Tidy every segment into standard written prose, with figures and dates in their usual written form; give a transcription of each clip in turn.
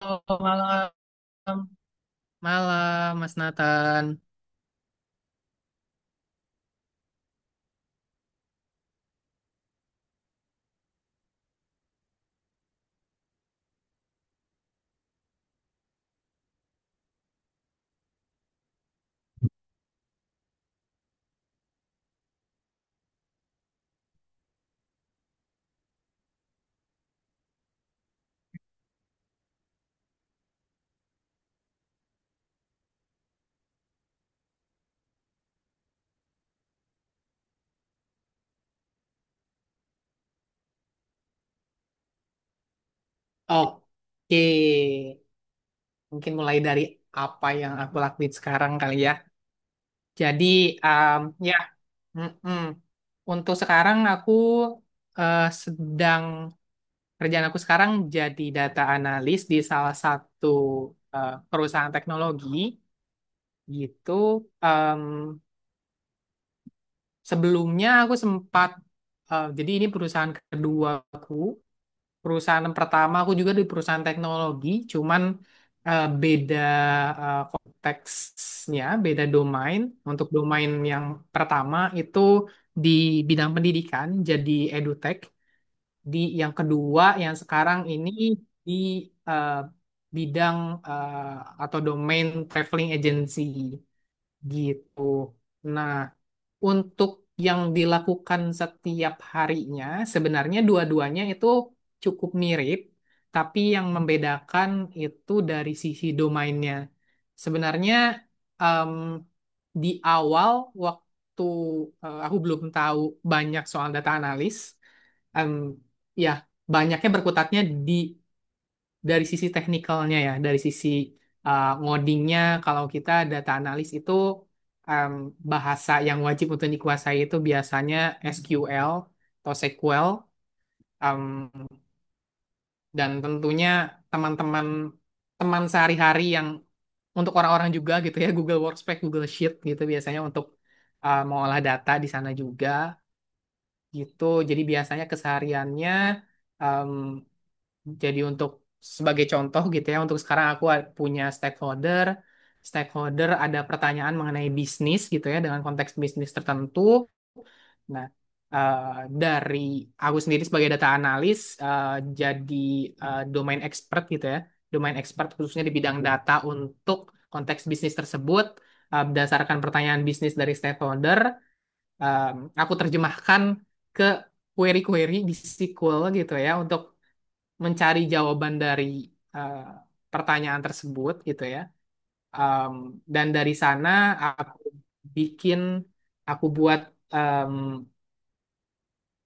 Halo, malam. Malam, Mas Nathan. Oke, mungkin mulai dari apa yang aku lakuin sekarang kali ya. Jadi, um, ya, mm-mm. Untuk sekarang aku eh, sedang, kerjaan aku sekarang jadi data analis di salah satu perusahaan teknologi, gitu. Em, sebelumnya aku jadi ini perusahaan keduaku. Perusahaan pertama aku juga di perusahaan teknologi, cuman eh, beda konteksnya beda domain. Untuk domain yang pertama itu di bidang pendidikan, jadi edutech. Di yang kedua, yang sekarang ini, di eh, bidang, eh, atau domain traveling agency gitu. Nah, untuk yang dilakukan setiap harinya, sebenarnya dua-duanya itu cukup mirip, tapi yang membedakan itu dari sisi domainnya. Sebenarnya, em, di awal waktu, aku belum tahu banyak soal data analis. em, ya, banyaknya berkutatnya di dari sisi teknikalnya ya, dari sisi ngodingnya. Kalau kita data analis itu, um, bahasa yang wajib untuk dikuasai itu biasanya SQL atau SQL, um, dan tentunya teman-teman sehari-hari yang untuk orang-orang juga gitu ya, Google Workspace, Google Sheet gitu biasanya untuk mengolah data di sana juga gitu. Jadi biasanya kesehariannya, um, jadi untuk sebagai contoh gitu ya, untuk sekarang aku punya stakeholder, ada pertanyaan mengenai bisnis gitu ya, dengan konteks bisnis tertentu. Nah, dari aku sendiri sebagai data analis, eh, jadi domain expert gitu ya, domain expert khususnya di bidang data untuk konteks bisnis tersebut, berdasarkan pertanyaan bisnis dari stakeholder, em, aku terjemahkan ke query-query di SQL gitu ya, untuk mencari jawaban dari eh, pertanyaan tersebut gitu ya. Um, dan dari sana aku bikin, aku buat um,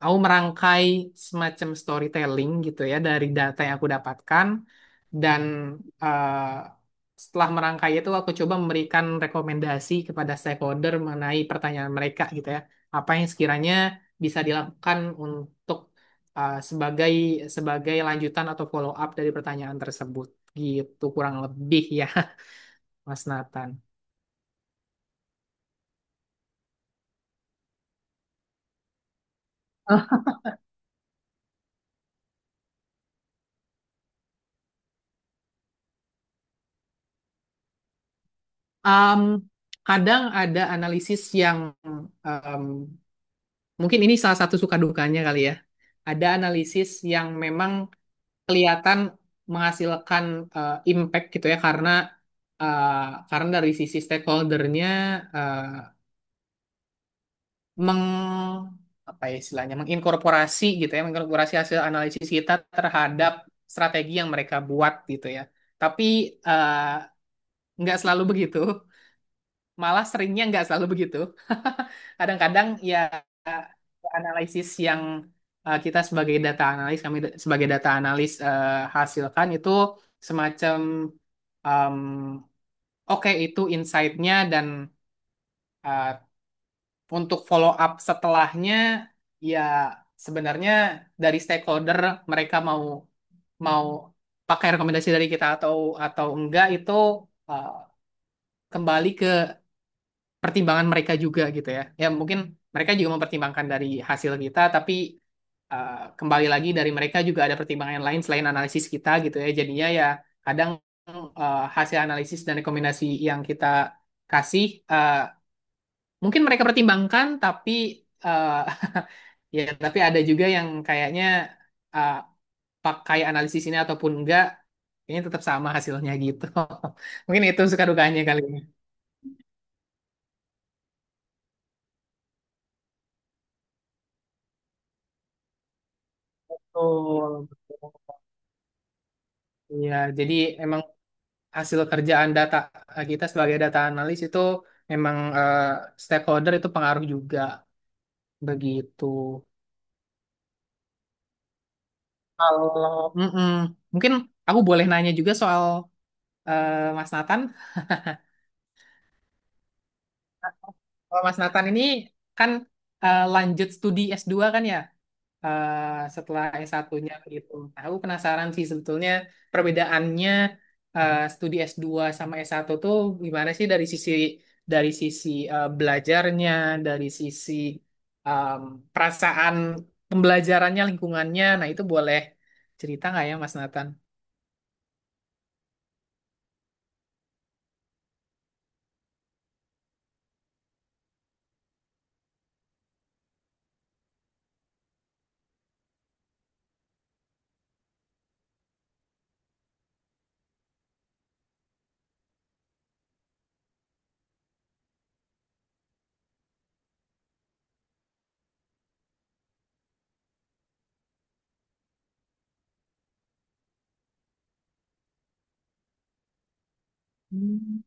Aku merangkai semacam storytelling gitu ya dari data yang aku dapatkan, dan eh, setelah merangkai itu aku coba memberikan rekomendasi kepada stakeholder mengenai pertanyaan mereka gitu ya. Apa yang sekiranya bisa dilakukan untuk, sebagai sebagai lanjutan atau follow up dari pertanyaan tersebut, gitu kurang lebih ya. Mas Nathan. Oh. Um, kadang ada analisis yang, um, mungkin ini salah satu suka dukanya kali ya, ada analisis yang memang kelihatan menghasilkan impact gitu ya, karena karena dari sisi stakeholdernya eh, meng apa ya istilahnya, menginkorporasi gitu ya, menginkorporasi hasil analisis kita terhadap strategi yang mereka buat gitu ya. Tapi eh, nggak selalu begitu. Malah seringnya nggak selalu begitu. Kadang-kadang ya, eh, analisis yang, kita sebagai data analis, sebagai data analis, hasilkan itu semacam, em, oke itu insight-nya, dan eh, untuk follow up setelahnya, ya sebenarnya dari stakeholder, mereka mau mau pakai rekomendasi dari kita atau enggak, itu eh, kembali ke pertimbangan mereka juga gitu ya. Ya mungkin mereka juga mempertimbangkan dari hasil kita, tapi eh, kembali lagi dari mereka juga ada pertimbangan lain selain analisis kita gitu ya. Jadinya ya kadang hasil analisis dan rekomendasi yang kita kasih, eh, mungkin mereka pertimbangkan, tapi eh, ya tapi ada juga yang kayaknya eh, pakai analisis ini ataupun enggak, kayaknya tetap sama hasilnya gitu. Mungkin itu suka dukanya kali ini. Betul, betul. Iya, jadi emang hasil kerjaan data kita sebagai data analis itu memang, stakeholder itu pengaruh juga begitu. Kalau mungkin aku boleh nanya juga soal Mas Nathan. Kalau Mas Nathan ini kan lanjut studi S2 kan ya? eh, setelah S1-nya gitu. Nah, aku penasaran sih sebetulnya perbedaannya, studi S2 sama S1 tuh gimana sih dari sisi belajarnya, dari sisi em, perasaan pembelajarannya, lingkungannya. Nah, itu boleh cerita nggak ya, Mas Nathan? Hmm.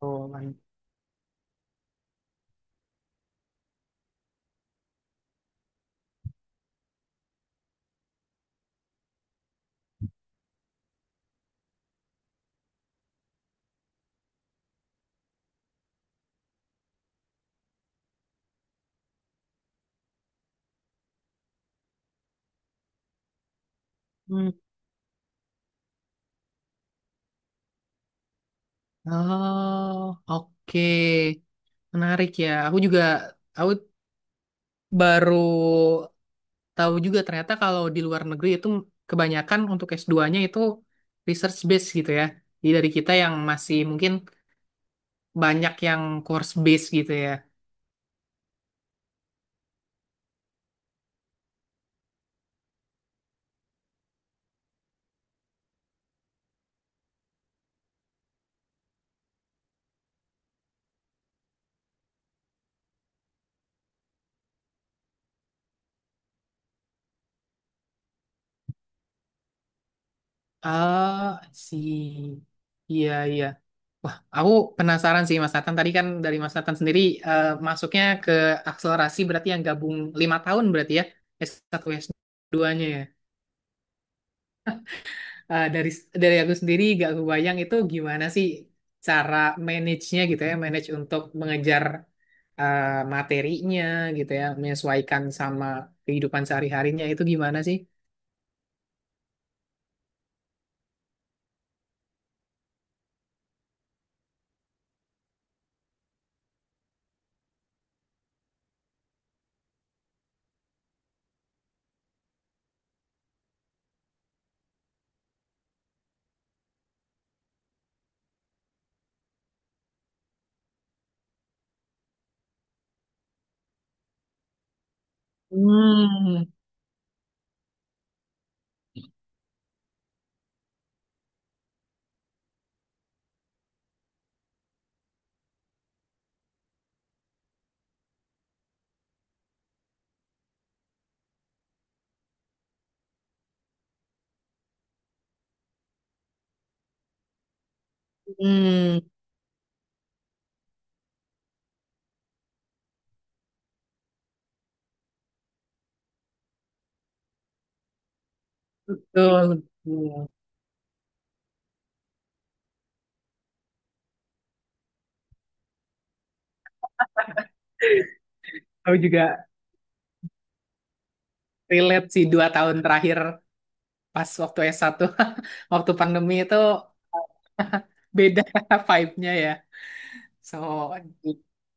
Oh, man. Hmm. Oh, oke. Menarik ya. Aku baru tahu juga ternyata kalau di luar negeri itu kebanyakan untuk S2-nya itu research based gitu ya. Jadi dari kita yang masih mungkin banyak yang course based gitu ya. Ah, si iya, iya. Wah, aku penasaran sih Mas Nathan. Tadi kan dari Mas Nathan sendiri masuknya ke akselerasi, berarti yang gabung 5 tahun berarti ya, S1 S2-nya ya. Dari aku sendiri gak kebayang itu gimana sih cara manage-nya gitu ya, manage untuk mengejar eh, materinya gitu ya, menyesuaikan sama kehidupan sehari-harinya itu gimana sih? Hmm, hmm, betul, betul. Aku juga relate sih 2 tahun terakhir pas waktu S1, waktu pandemi itu, beda vibe-nya ya. So,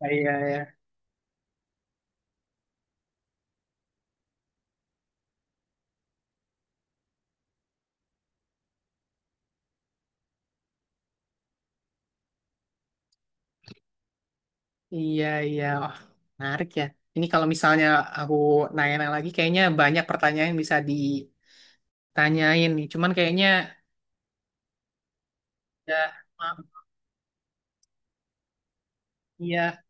iya, iya. Iya, iya. Wah, menarik ya. Ini kalau misalnya aku nanya-nanya lagi, kayaknya banyak pertanyaan yang bisa ditanyain nih. Cuman kayaknya, ya, maaf. Iya,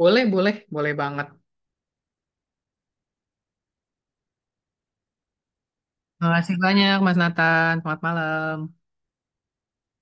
boleh, boleh, boleh banget. Terima kasih banyak, Mas Nathan. Selamat malam.